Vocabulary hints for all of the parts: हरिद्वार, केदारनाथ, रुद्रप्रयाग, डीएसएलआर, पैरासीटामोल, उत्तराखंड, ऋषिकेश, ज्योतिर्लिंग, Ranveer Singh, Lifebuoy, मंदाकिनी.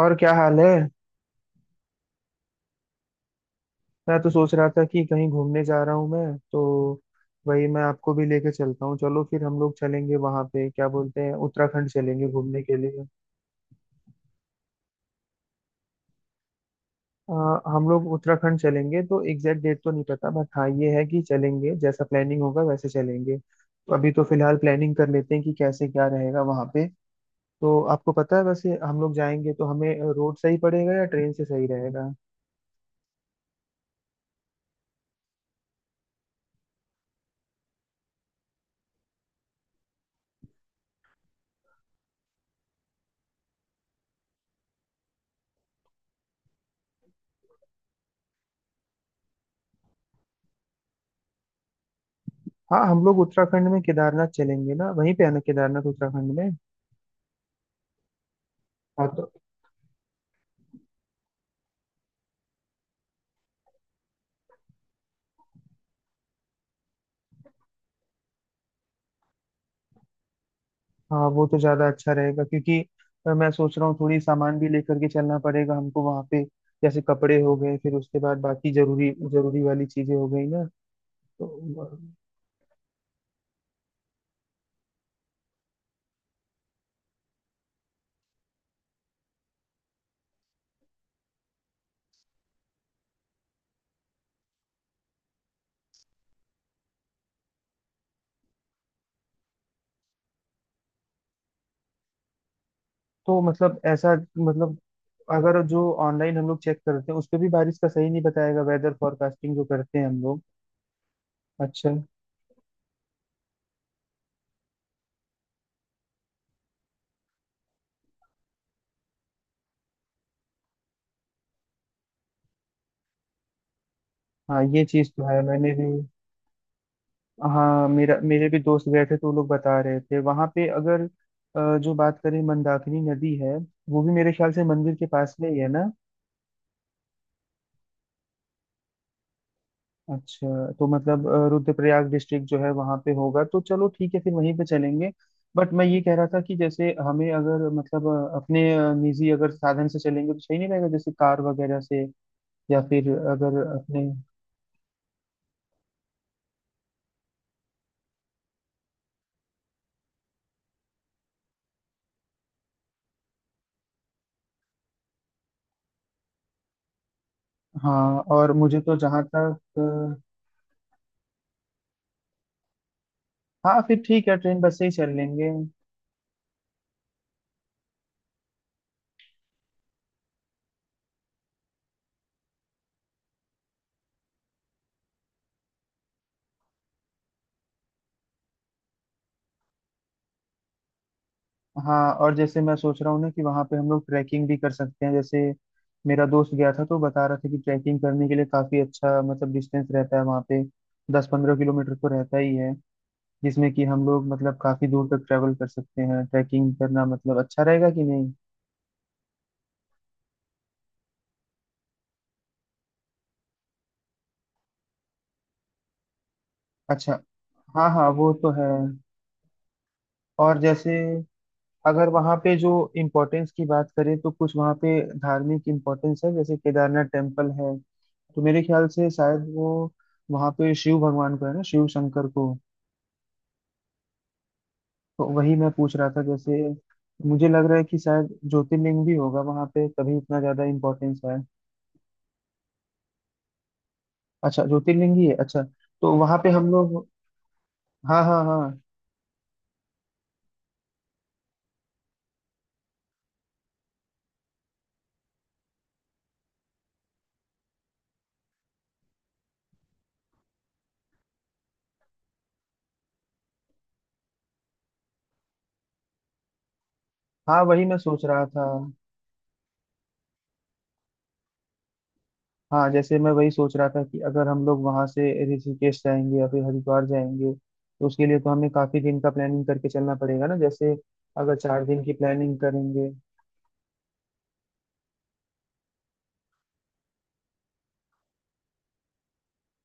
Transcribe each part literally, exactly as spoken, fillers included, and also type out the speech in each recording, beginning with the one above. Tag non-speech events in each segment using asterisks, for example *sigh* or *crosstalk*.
और क्या हाल है। मैं तो सोच रहा था कि कहीं घूमने जा रहा हूँ मैं तो वही मैं आपको भी लेके चलता हूँ। चलो फिर हम लोग चलेंगे वहां पे, क्या बोलते हैं, उत्तराखंड चलेंगे घूमने के लिए। अ, हम लोग उत्तराखंड चलेंगे तो एग्जैक्ट डेट तो नहीं पता, बट हाँ ये है कि चलेंगे, जैसा प्लानिंग होगा वैसे चलेंगे। तो अभी तो फिलहाल प्लानिंग कर लेते हैं कि कैसे क्या रहेगा वहां पे। तो आपको पता है वैसे हम लोग जाएंगे तो हमें रोड सही पड़ेगा या ट्रेन से सही रहेगा। हाँ, हम लोग उत्तराखंड में केदारनाथ चलेंगे ना। वहीं पे है ना केदारनाथ उत्तराखंड में। हाँ तो हाँ, वो तो ज्यादा अच्छा रहेगा क्योंकि अ, मैं सोच रहा हूँ थोड़ी सामान भी लेकर के चलना पड़ेगा हमको वहाँ पे। जैसे कपड़े हो गए, फिर उसके बाद बाकी जरूरी जरूरी वाली चीजें हो गई ना। तो तो मतलब, ऐसा मतलब, अगर जो ऑनलाइन हम लोग चेक करते हैं उस पे भी बारिश का सही नहीं बताएगा वेदर फोरकास्टिंग जो करते हैं हम लोग। अच्छा। हाँ, ये चीज तो है। मैंने भी हाँ, मेरा मेरे भी दोस्त गए थे तो वो लोग बता रहे थे वहाँ पे। अगर अ, जो बात करें, मंदाकिनी नदी है वो भी मेरे ख्याल से मंदिर के पास में ही है ना। अच्छा, तो मतलब अ, रुद्रप्रयाग डिस्ट्रिक्ट जो है वहां पे होगा। तो चलो ठीक है, फिर वहीं पे चलेंगे। बट मैं ये कह रहा था कि जैसे हमें अगर मतलब अ, अपने अ, निजी अगर साधन से चलेंगे तो सही नहीं रहेगा, जैसे कार वगैरह से, या फिर अगर अपने। हाँ, और मुझे तो जहाँ तक अ, हाँ फिर ठीक है, ट्रेन बस से ही चल लेंगे। हाँ, और जैसे मैं सोच रहा हूँ ना कि वहाँ पे हम लोग ट्रैकिंग भी कर सकते हैं। जैसे मेरा दोस्त गया था तो बता रहा था कि ट्रैकिंग करने के लिए काफी अच्छा मतलब डिस्टेंस रहता है वहाँ पे। दस पंद्रह किलोमीटर तो रहता ही है, जिसमें कि हम लोग मतलब काफी दूर तक ट्रेवल कर सकते हैं। ट्रैकिंग करना मतलब अच्छा रहेगा कि नहीं। अच्छा, हाँ हाँ, वो तो है। और जैसे अगर वहाँ पे जो इम्पोर्टेंस की बात करें तो कुछ वहाँ पे धार्मिक इम्पोर्टेंस है। जैसे केदारनाथ टेम्पल है, तो मेरे ख्याल से शायद वो वहाँ पे शिव भगवान को है ना, शिव शंकर को। तो वही मैं पूछ रहा था जैसे, मुझे लग रहा है कि शायद ज्योतिर्लिंग भी होगा वहाँ पे तभी इतना ज्यादा इम्पोर्टेंस है। अच्छा, ज्योतिर्लिंग ही है, अच्छा। तो वहाँ पे हम लोग हाँ हाँ हाँ। हाँ, वही मैं सोच रहा था। हाँ, जैसे मैं वही सोच रहा था कि अगर हम लोग वहां से ऋषिकेश जाएंगे या फिर हरिद्वार जाएंगे तो उसके लिए तो हमें काफी दिन का प्लानिंग करके चलना पड़ेगा ना। जैसे अगर चार दिन की प्लानिंग करेंगे।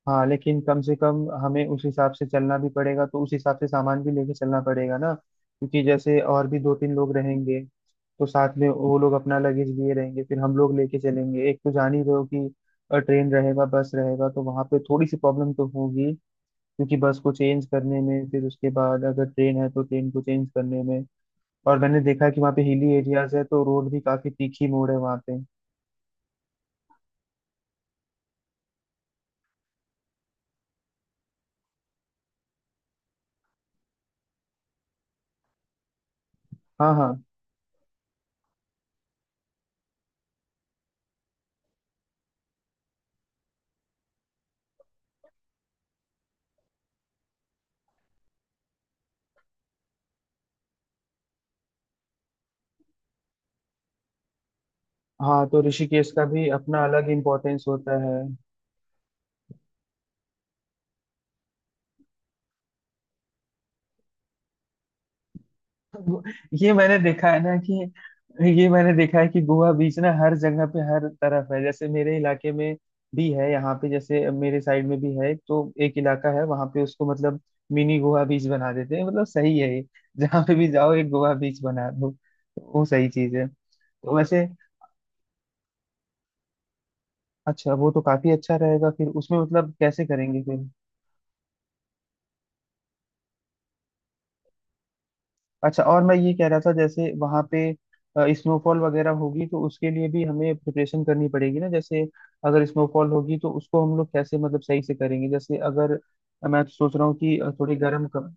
हाँ, लेकिन कम से कम हमें उस हिसाब से चलना भी पड़ेगा, तो उस हिसाब से सामान भी लेके चलना पड़ेगा ना क्योंकि जैसे और भी दो तीन लोग रहेंगे। तो साथ में वो लोग अपना लगेज लिए रहेंगे, फिर हम लोग लेके चलेंगे। एक तो जान ही रहे हो कि ट्रेन रहेगा, बस रहेगा, तो वहां पे थोड़ी सी प्रॉब्लम तो होगी क्योंकि बस को चेंज करने में, फिर उसके बाद अगर ट्रेन है तो ट्रेन को चेंज करने में। और मैंने देखा है कि वहाँ पे हिली एरियाज है, तो रोड भी काफी तीखी मोड़ है वहाँ पे। हाँ हाँ हाँ। तो ऋषिकेश का भी अपना अलग इम्पोर्टेंस होता है। वो- ये मैंने देखा है ना कि ये मैंने देखा है कि गोवा बीच ना हर जगह पे हर तरफ है। जैसे मेरे इलाके में भी है, यहाँ पे जैसे मेरे साइड में भी है। तो एक इलाका है वहां पे, उसको मतलब मिनी गोवा बीच बना देते हैं। मतलब सही है ये। *laughs* जहाँ पे भी जाओ एक गोवा बीच बना दो, तो वो सही चीज है तो वैसे। अच्छा, वो तो काफी अच्छा रहेगा। फिर उसमें मतलब कैसे करेंगे फिर। अच्छा, और मैं ये कह रहा था जैसे वहां पे स्नोफॉल वगैरह होगी तो उसके लिए भी हमें प्रिपरेशन करनी पड़ेगी ना। जैसे अगर स्नोफॉल होगी तो उसको हम लोग कैसे मतलब सही से करेंगे। जैसे अगर मैं तो सोच रहा हूँ कि अ, थोड़ी गर्म कप,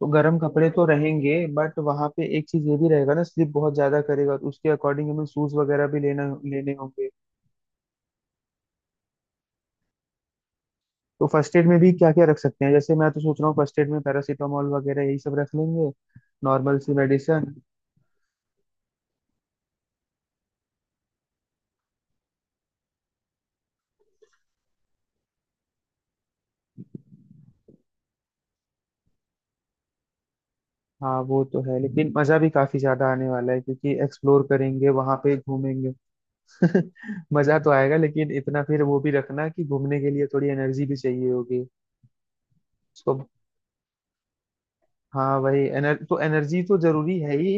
तो गर्म कपड़े तो रहेंगे बट वहां पे एक चीज ये भी रहेगा ना, स्लिप बहुत ज्यादा करेगा, तो उसके अकॉर्डिंग हमें शूज वगैरह भी लेना लेने होंगे। तो फर्स्ट एड में भी क्या क्या रख सकते हैं। जैसे मैं तो सोच रहा हूँ फर्स्ट एड में पैरासीटामोल वगैरह यही सब रख लेंगे, नॉर्मल सी मेडिसिन। हाँ, वो तो है लेकिन मजा भी काफी ज्यादा आने वाला है क्योंकि एक्सप्लोर करेंगे, वहां पे घूमेंगे। *laughs* मजा तो आएगा लेकिन इतना फिर वो भी रखना कि घूमने के लिए थोड़ी एनर्जी भी चाहिए होगी। तो हाँ, वही एनर, तो एनर्जी तो जरूरी है ही।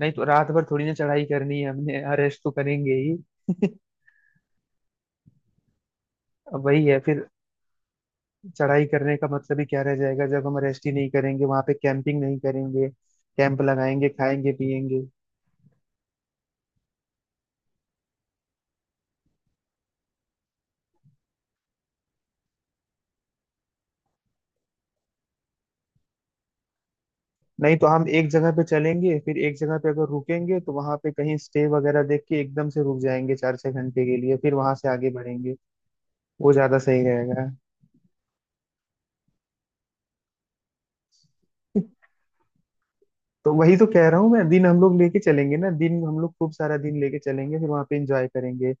नहीं तो रात भर थोड़ी ना चढ़ाई करनी है हमने। हाँ, रेस्ट तो करेंगे ही। *laughs* अब वही है फिर चढ़ाई करने का मतलब ही क्या रह जाएगा जब हम रेस्ट ही नहीं करेंगे वहां पे, कैंपिंग नहीं करेंगे। कैंप लगाएंगे, खाएंगे, पिएंगे। नहीं तो हम एक जगह पे चलेंगे, फिर एक जगह पे अगर रुकेंगे तो वहां पे कहीं स्टे वगैरह देख के एकदम से रुक जाएंगे चार छह घंटे के लिए, फिर वहां से आगे बढ़ेंगे। वो ज्यादा सही रहेगा। *laughs* तो वही तो कह रहा हूँ मैं, दिन हम लोग लेके चलेंगे ना, दिन हम लोग खूब सारा दिन लेके चलेंगे, फिर वहां पे एंजॉय करेंगे।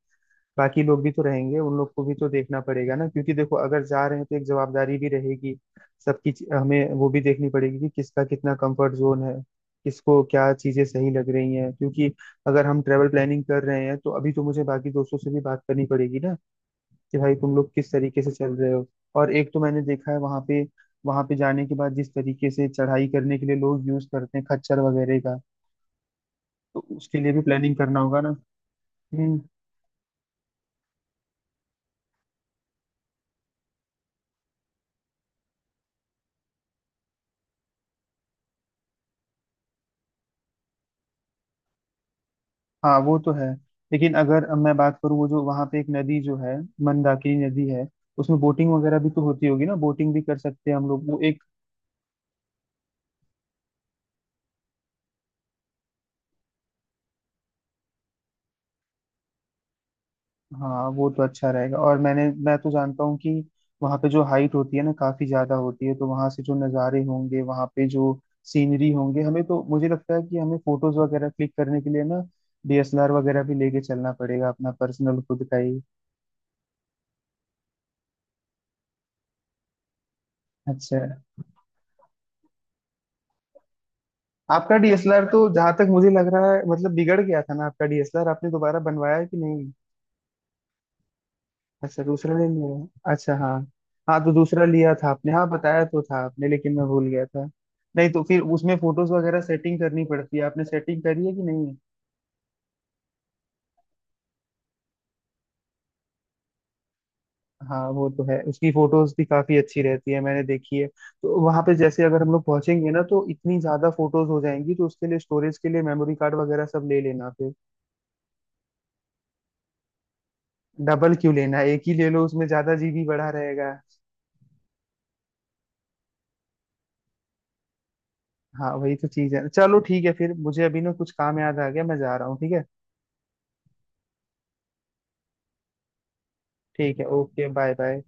बाकी लोग भी तो रहेंगे, उन लोग को भी तो देखना पड़ेगा ना क्योंकि देखो, अगर जा रहे हैं तो एक जवाबदारी भी रहेगी। सबकी चीज- हमें वो भी देखनी पड़ेगी कि किसका कितना कंफर्ट जोन है, किसको क्या चीजें सही लग रही हैं क्योंकि अगर हम ट्रेवल प्लानिंग कर रहे हैं तो अभी तो मुझे बाकी दोस्तों से भी बात करनी पड़ेगी ना कि भाई तुम लोग किस तरीके से चल रहे हो। और एक तो मैंने देखा है वहां पे, वहां पे जाने के बाद जिस तरीके से चढ़ाई करने के लिए लोग यूज करते हैं खच्चर वगैरह का, तो उसके लिए भी प्लानिंग करना होगा ना। हम्म। हाँ वो तो है, लेकिन अगर मैं बात करूँ, वो जो वहाँ पे एक नदी जो है, मंदाकिनी नदी है, उसमें बोटिंग वगैरह भी तो होती होगी ना। बोटिंग भी कर सकते हैं हम लोग वो एक। हाँ, वो तो अच्छा रहेगा। और मैंने मैं तो जानता हूँ कि वहाँ पे जो हाइट होती है ना काफी ज्यादा होती है, तो वहाँ से जो नज़ारे होंगे, वहाँ पे जो सीनरी होंगे, हमें तो मुझे लगता है कि हमें फोटोज वगैरह क्लिक करने के लिए ना डी एस एल आर वगैरह भी लेके चलना पड़ेगा, अपना पर्सनल खुद का ही। अच्छा, आपका डीएसएलआर तो जहां तक मुझे लग रहा है मतलब बिगड़ गया था ना आपका डीएसएलआर, आपने दोबारा बनवाया कि नहीं। अच्छा, दूसरा ले लिया, अच्छा। हाँ हाँ, तो दूसरा लिया था आपने, हाँ बताया तो था आपने लेकिन मैं भूल गया था। नहीं तो फिर उसमें फोटोज वगैरह सेटिंग करनी पड़ती है, आपने सेटिंग करी है कि नहीं। हाँ, वो तो है, उसकी फोटोज भी काफी अच्छी रहती है, मैंने देखी है। तो वहां पे जैसे अगर हम लोग पहुंचेंगे ना तो इतनी ज्यादा फोटोज हो जाएंगी, तो उसके लिए स्टोरेज के लिए मेमोरी कार्ड वगैरह सब ले लेना फिर। डबल क्यों लेना, एक ही ले लो, उसमें ज्यादा जी बी बढ़ा रहेगा। हाँ, वही तो चीज है। चलो ठीक है फिर, मुझे अभी ना कुछ काम याद आ गया, मैं जा रहा हूँ। ठीक है ठीक है, ओके, बाय बाय।